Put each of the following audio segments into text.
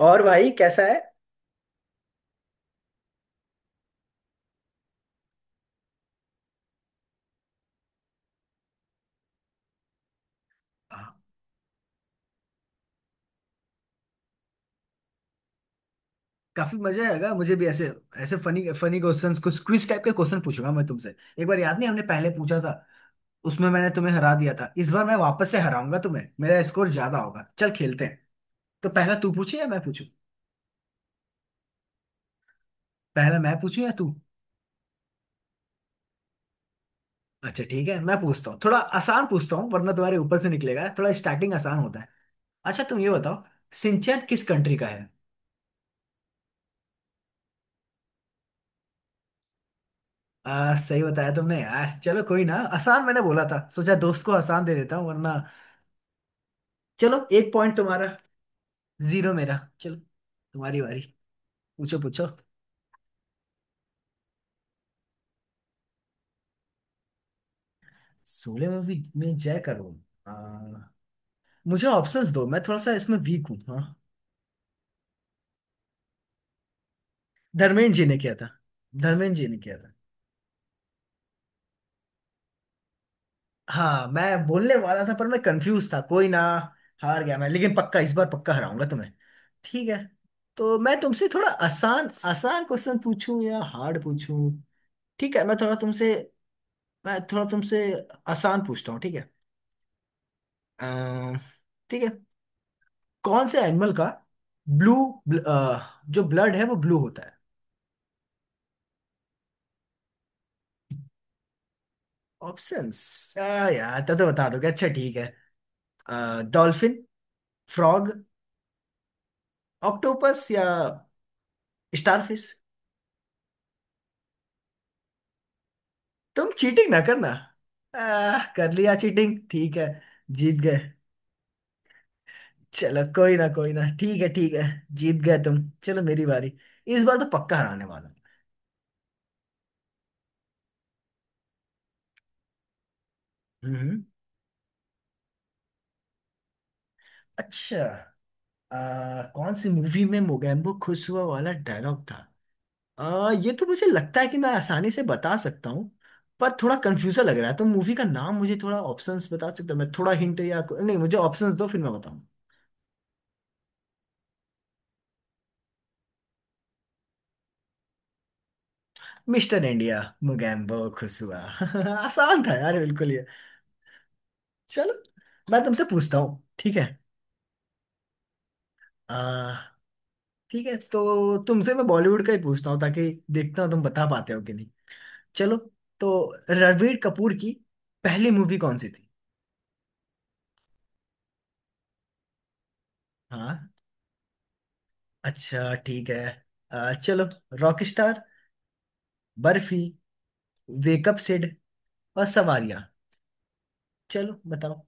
और भाई कैसा है। हाँ, काफी मजा आएगा मुझे भी ऐसे ऐसे फनी फनी क्वेश्चंस कुछ क्विज टाइप के क्वेश्चन पूछूंगा मैं तुमसे। एक बार याद नहीं हमने पहले पूछा था, उसमें मैंने तुम्हें हरा दिया था। इस बार मैं वापस से हराऊंगा तुम्हें, मेरा स्कोर ज्यादा होगा, चल खेलते हैं। तो पहला तू पूछे या मैं पूछूं। पहला मैं पूछूं या तू। अच्छा ठीक है, मैं पूछता हूँ, थोड़ा आसान पूछता हूँ वरना तुम्हारे ऊपर से निकलेगा, थोड़ा स्टार्टिंग आसान होता है। अच्छा तुम ये बताओ, सिंचैन किस कंट्री का है। सही बताया तुमने यार। चलो कोई ना, आसान मैंने बोला था, सोचा दोस्त को आसान दे देता हूँ वरना। चलो एक पॉइंट तुम्हारा, जीरो मेरा। चलो तुम्हारी बारी, पूछो पूछो। सोलो मूवी में जय करो। आ, मुझे ऑप्शंस दो, मैं थोड़ा सा इसमें वीक हूँ। हाँ, धर्मेंद्र जी ने किया था धर्मेंद्र जी ने किया था। हाँ मैं बोलने वाला था पर मैं कंफ्यूज था, कोई ना। हार गया मैं, लेकिन पक्का इस बार पक्का हराऊंगा तुम्हें। ठीक है, तो मैं तुमसे थोड़ा आसान आसान क्वेश्चन पूछूं या हार्ड पूछूं। ठीक है मैं थोड़ा तुमसे आसान पूछता हूँ, ठीक है। अम्म, ठीक है। कौन से एनिमल का ब्लू, जो ब्लड है वो ब्लू होता है। ऑप्शंस, यार तब तो बता दोगे, अच्छा ठीक है। डॉल्फिन, फ्रॉग, ऑक्टोपस या स्टारफिश। तुम चीटिंग ना करना। कर लिया चीटिंग, ठीक है। जीत गए। चलो कोई ना कोई ना, ठीक है ठीक है। जीत गए तुम। चलो मेरी बारी, इस बार तो पक्का हराने वाला। हूँ। अच्छा। कौन सी मूवी में मोगैम्बो खुश हुआ वाला डायलॉग था। ये तो मुझे लगता है कि मैं आसानी से बता सकता हूँ पर थोड़ा कंफ्यूजन लग रहा है, तो मूवी का नाम मुझे थोड़ा ऑप्शंस बता सकते हो, मैं थोड़ा हिंट, या नहीं मुझे ऑप्शंस दो फिर मैं बताऊँ। मिस्टर इंडिया, मुगैम्बो खुसुआ आसान था यार, बिल्कुल ये। चलो मैं तुमसे पूछता हूँ ठीक है। आ, ठीक है तो तुमसे मैं बॉलीवुड का ही पूछता हूँ, ताकि देखता हूँ तुम बता पाते हो कि नहीं। चलो, तो रणबीर कपूर की पहली मूवी कौन सी थी। हाँ, अच्छा ठीक है। चलो, रॉक, बर्फी, वेकअप सिड और सवारियां। चलो बताओ।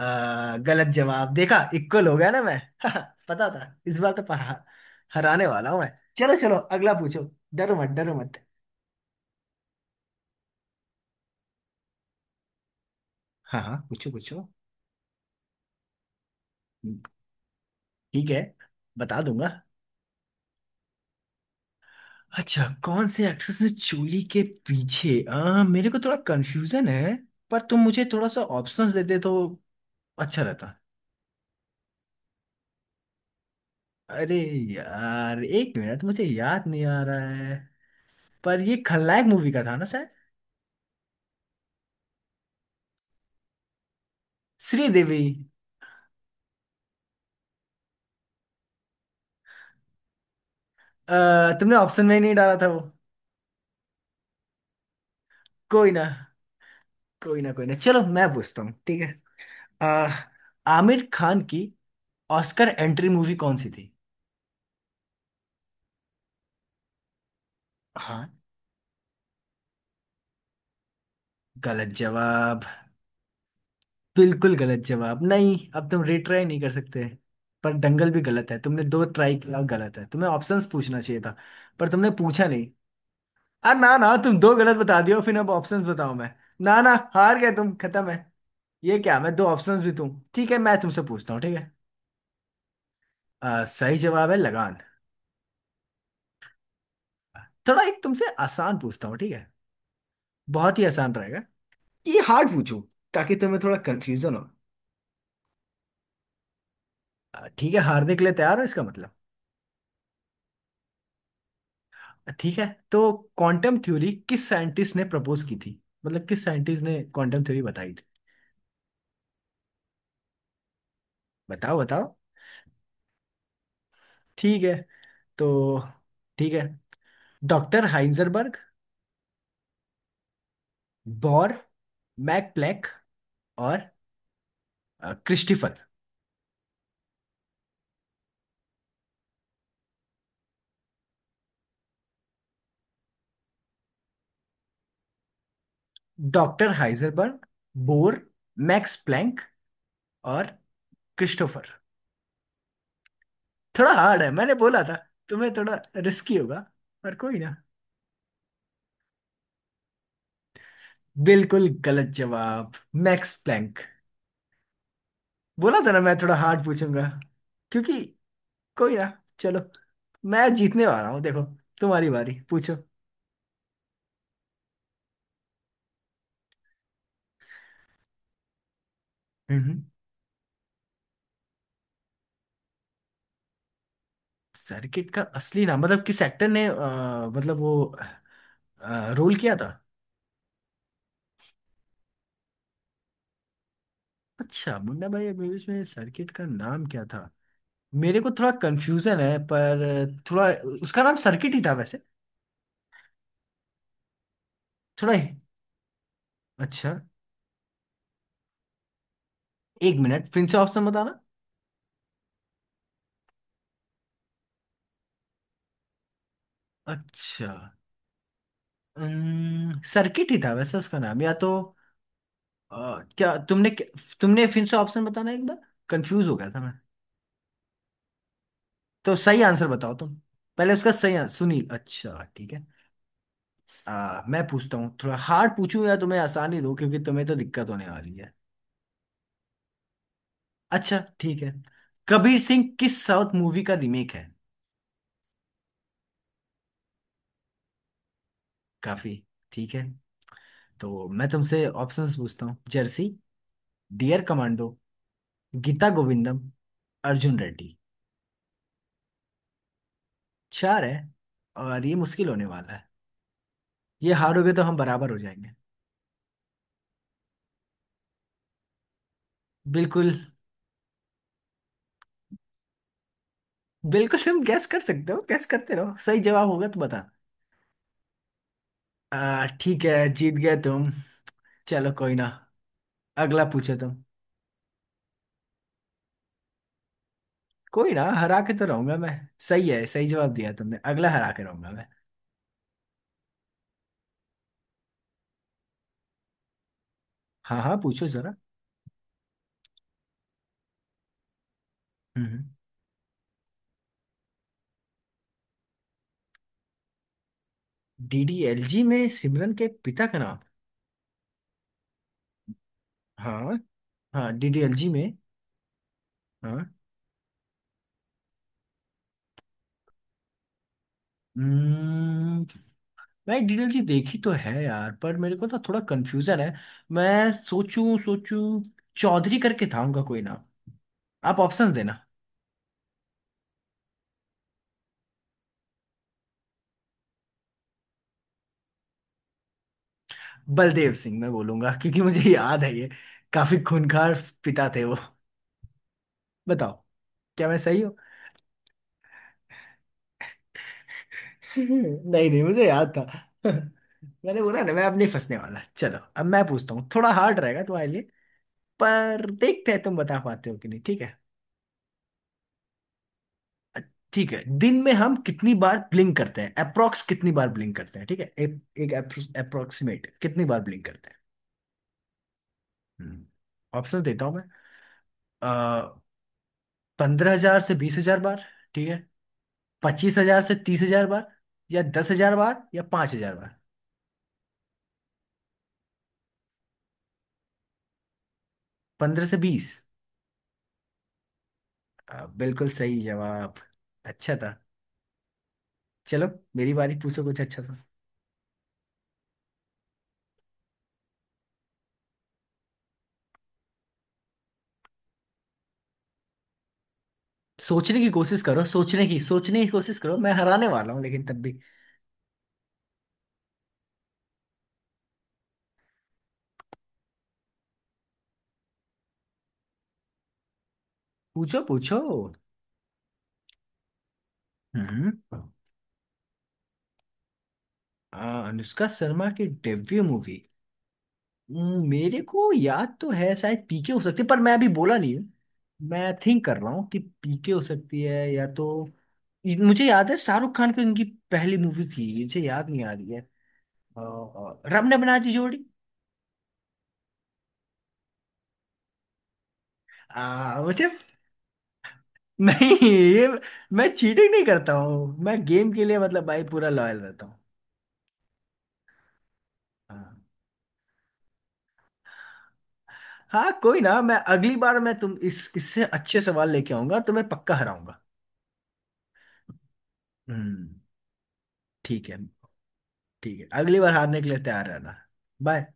गलत जवाब। देखा इक्वल हो गया ना मैं। पता था, इस बार तो पढ़ा, हराने वाला हूं मैं। चलो चलो अगला पूछो। डरो मत डरो मत। हाँ हाँ पूछो पूछो। हम्म, ठीक है, बता दूंगा। अच्छा, कौन से एक्ट्रेस ने चोली के पीछे। मेरे को थोड़ा कंफ्यूजन है, पर तुम मुझे थोड़ा सा ऑप्शंस देते तो अच्छा रहता। अरे यार, एक मिनट मुझे याद नहीं आ रहा है, पर ये खलनायक मूवी का था ना शायद। श्रीदेवी। अ, तुमने ऑप्शन में ही नहीं डाला था वो। कोई ना कोई ना कोई ना, चलो मैं पूछता हूँ ठीक है। अ, आमिर खान की ऑस्कर एंट्री मूवी कौन सी थी। हाँ, गलत जवाब। बिल्कुल गलत जवाब। नहीं अब तुम रिट्राई नहीं कर सकते, पर दंगल भी गलत है, तुमने दो ट्राई किया, गलत है, तुम्हें ऑप्शंस पूछना चाहिए था, पर तुमने पूछा नहीं। अरे ना ना, तुम दो गलत बता दियो फिर अब ऑप्शंस बताओ मैं। ना ना, हार गए तुम, खत्म है। ये क्या मैं दो ऑप्शंस भी तुम, ठीक है मैं तुमसे पूछता हूँ ठीक है। सही जवाब है लगान। थोड़ा एक तुमसे आसान पूछता हूँ ठीक है, बहुत ही आसान रहेगा। ये हार्ड पूछू ताकि तुम्हें थोड़ा कंफ्यूजन हो। ठीक है, हारने के लिए तैयार हो इसका मतलब। ठीक है तो क्वांटम थ्योरी किस साइंटिस्ट ने प्रपोज की थी, मतलब किस साइंटिस्ट ने क्वांटम थ्योरी बताई थी, बताओ बताओ। ठीक है। तो ठीक है, doctor Heisenberg, Bohr, Max Planck और Christopher. Doctor Heisenberg, Bohr, Max Planck और क्रिस्टोफर। थोड़ा हार्ड है मैंने बोला था, तुम्हें थोड़ा रिस्की होगा, पर कोई ना। बिल्कुल गलत जवाब, मैक्स प्लैंक। बोला था ना मैं थोड़ा हार्ड पूछूंगा, क्योंकि कोई ना, चलो मैं जीतने वाला हूँ देखो। तुम्हारी बारी पूछो। हम्म। सर्किट का असली नाम, मतलब किस एक्टर ने मतलब वो रोल किया था। अच्छा, मुन्ना भाई मूवीज में सर्किट का नाम क्या था, मेरे को थोड़ा कंफ्यूजन है पर थोड़ा, उसका नाम सर्किट ही था वैसे। थोड़ा ही, अच्छा, एक मिनट फिर से ऑप्शन बताना। अच्छा, सर्किट ही था वैसे उसका नाम या तो, क्या तुमने, तुमने फिर से ऑप्शन बताना एक बार, कंफ्यूज हो गया था मैं। तो सही आंसर बताओ तुम। पहले उसका सही आंसर सुनील, अच्छा ठीक है। मैं पूछता हूँ, थोड़ा हार्ड पूछूं या तुम्हें आसानी दो क्योंकि तुम्हें तो दिक्कत होने वाली है। अच्छा ठीक है, कबीर सिंह किस साउथ मूवी का रीमेक है। काफी। ठीक है, तो मैं तुमसे ऑप्शंस पूछता हूँ। Jersey, dear commando, Geetha Govindam, Arjun Reddy. चार है, और ये मुश्किल होने वाला है। ये हारोगे तो हम बराबर हो जाएंगे। बिल्कुल। बिल्कुल तुम गैस कर सकते हो, गैस करते रहो, सही जवाब होगा तो बता। ठीक है, जीत गए तुम। चलो कोई ना, अगला पूछो तुम। कोई ना, हरा के तो रहूंगा मैं। सही है, सही जवाब दिया तुमने, अगला हरा के रहूंगा मैं। हाँ हाँ पूछो जरा। हम्म। डीडीएलजी में सिमरन के पिता का नाम। हाँ हाँ, डीडीएलजी में। हाँ। हम्म। मैं डीडीएलजी देखी तो है यार, पर मेरे को ना थोड़ा कंफ्यूजन है। मैं सोचूं सोचूं, चौधरी करके था उनका कोई नाम। आप ऑप्शन देना। बलदेव सिंह मैं बोलूंगा क्योंकि मुझे याद है ये, काफी खूंखार पिता थे वो। बताओ, क्या मैं सही हूँ। नहीं नहीं, मुझे याद था। मैंने बोला ना, मैं अब नहीं फंसने वाला। चलो अब मैं पूछता हूँ, थोड़ा हार्ड रहेगा तुम्हारे लिए, पर देखते हैं तुम बता पाते हो कि नहीं, ठीक है। अ- ठीक है, दिन में हम कितनी बार ब्लिंक करते हैं, अप्रोक्स कितनी बार ब्लिंक करते हैं, ठीक है एक अप्रोक्सीमेट कितनी बार ब्लिंक करते हैं। ऑप्शन देता हूं मैं। 15,000 से 20,000 बार, ठीक है, 25,000 से 30,000 बार, या 10,000 बार, या 5,000 बार। 15 से 20। बिल्कुल सही जवाब, अच्छा था। चलो मेरी बारी, पूछो कुछ अच्छा सा। सोचने की कोशिश करो, सोचने की कोशिश करो, मैं हराने वाला हूँ लेकिन तब भी। पूछो पूछो। हम्म। अनुष्का शर्मा की डेब्यू मूवी। मेरे को याद तो है, शायद पीके हो सकती है पर मैं अभी बोला नहीं हूँ। मैं थिंक कर रहा हूँ कि पीके हो सकती है, या तो मुझे याद है, शाहरुख खान की इनकी पहली मूवी थी, मुझे याद नहीं आ रही है। रब ने बना दी जोड़ी। मुझे नहीं ये, मैं चीटिंग नहीं करता हूँ, मैं गेम के लिए मतलब भाई पूरा लॉयल रहता हूँ। हाँ। हाँ कोई ना, मैं अगली बार मैं तुम इस इससे अच्छे सवाल लेके आऊंगा और तुम्हें पक्का हराऊंगा। हम्म। ठीक है, ठीक है अगली बार हारने के लिए तैयार रहना। बाय।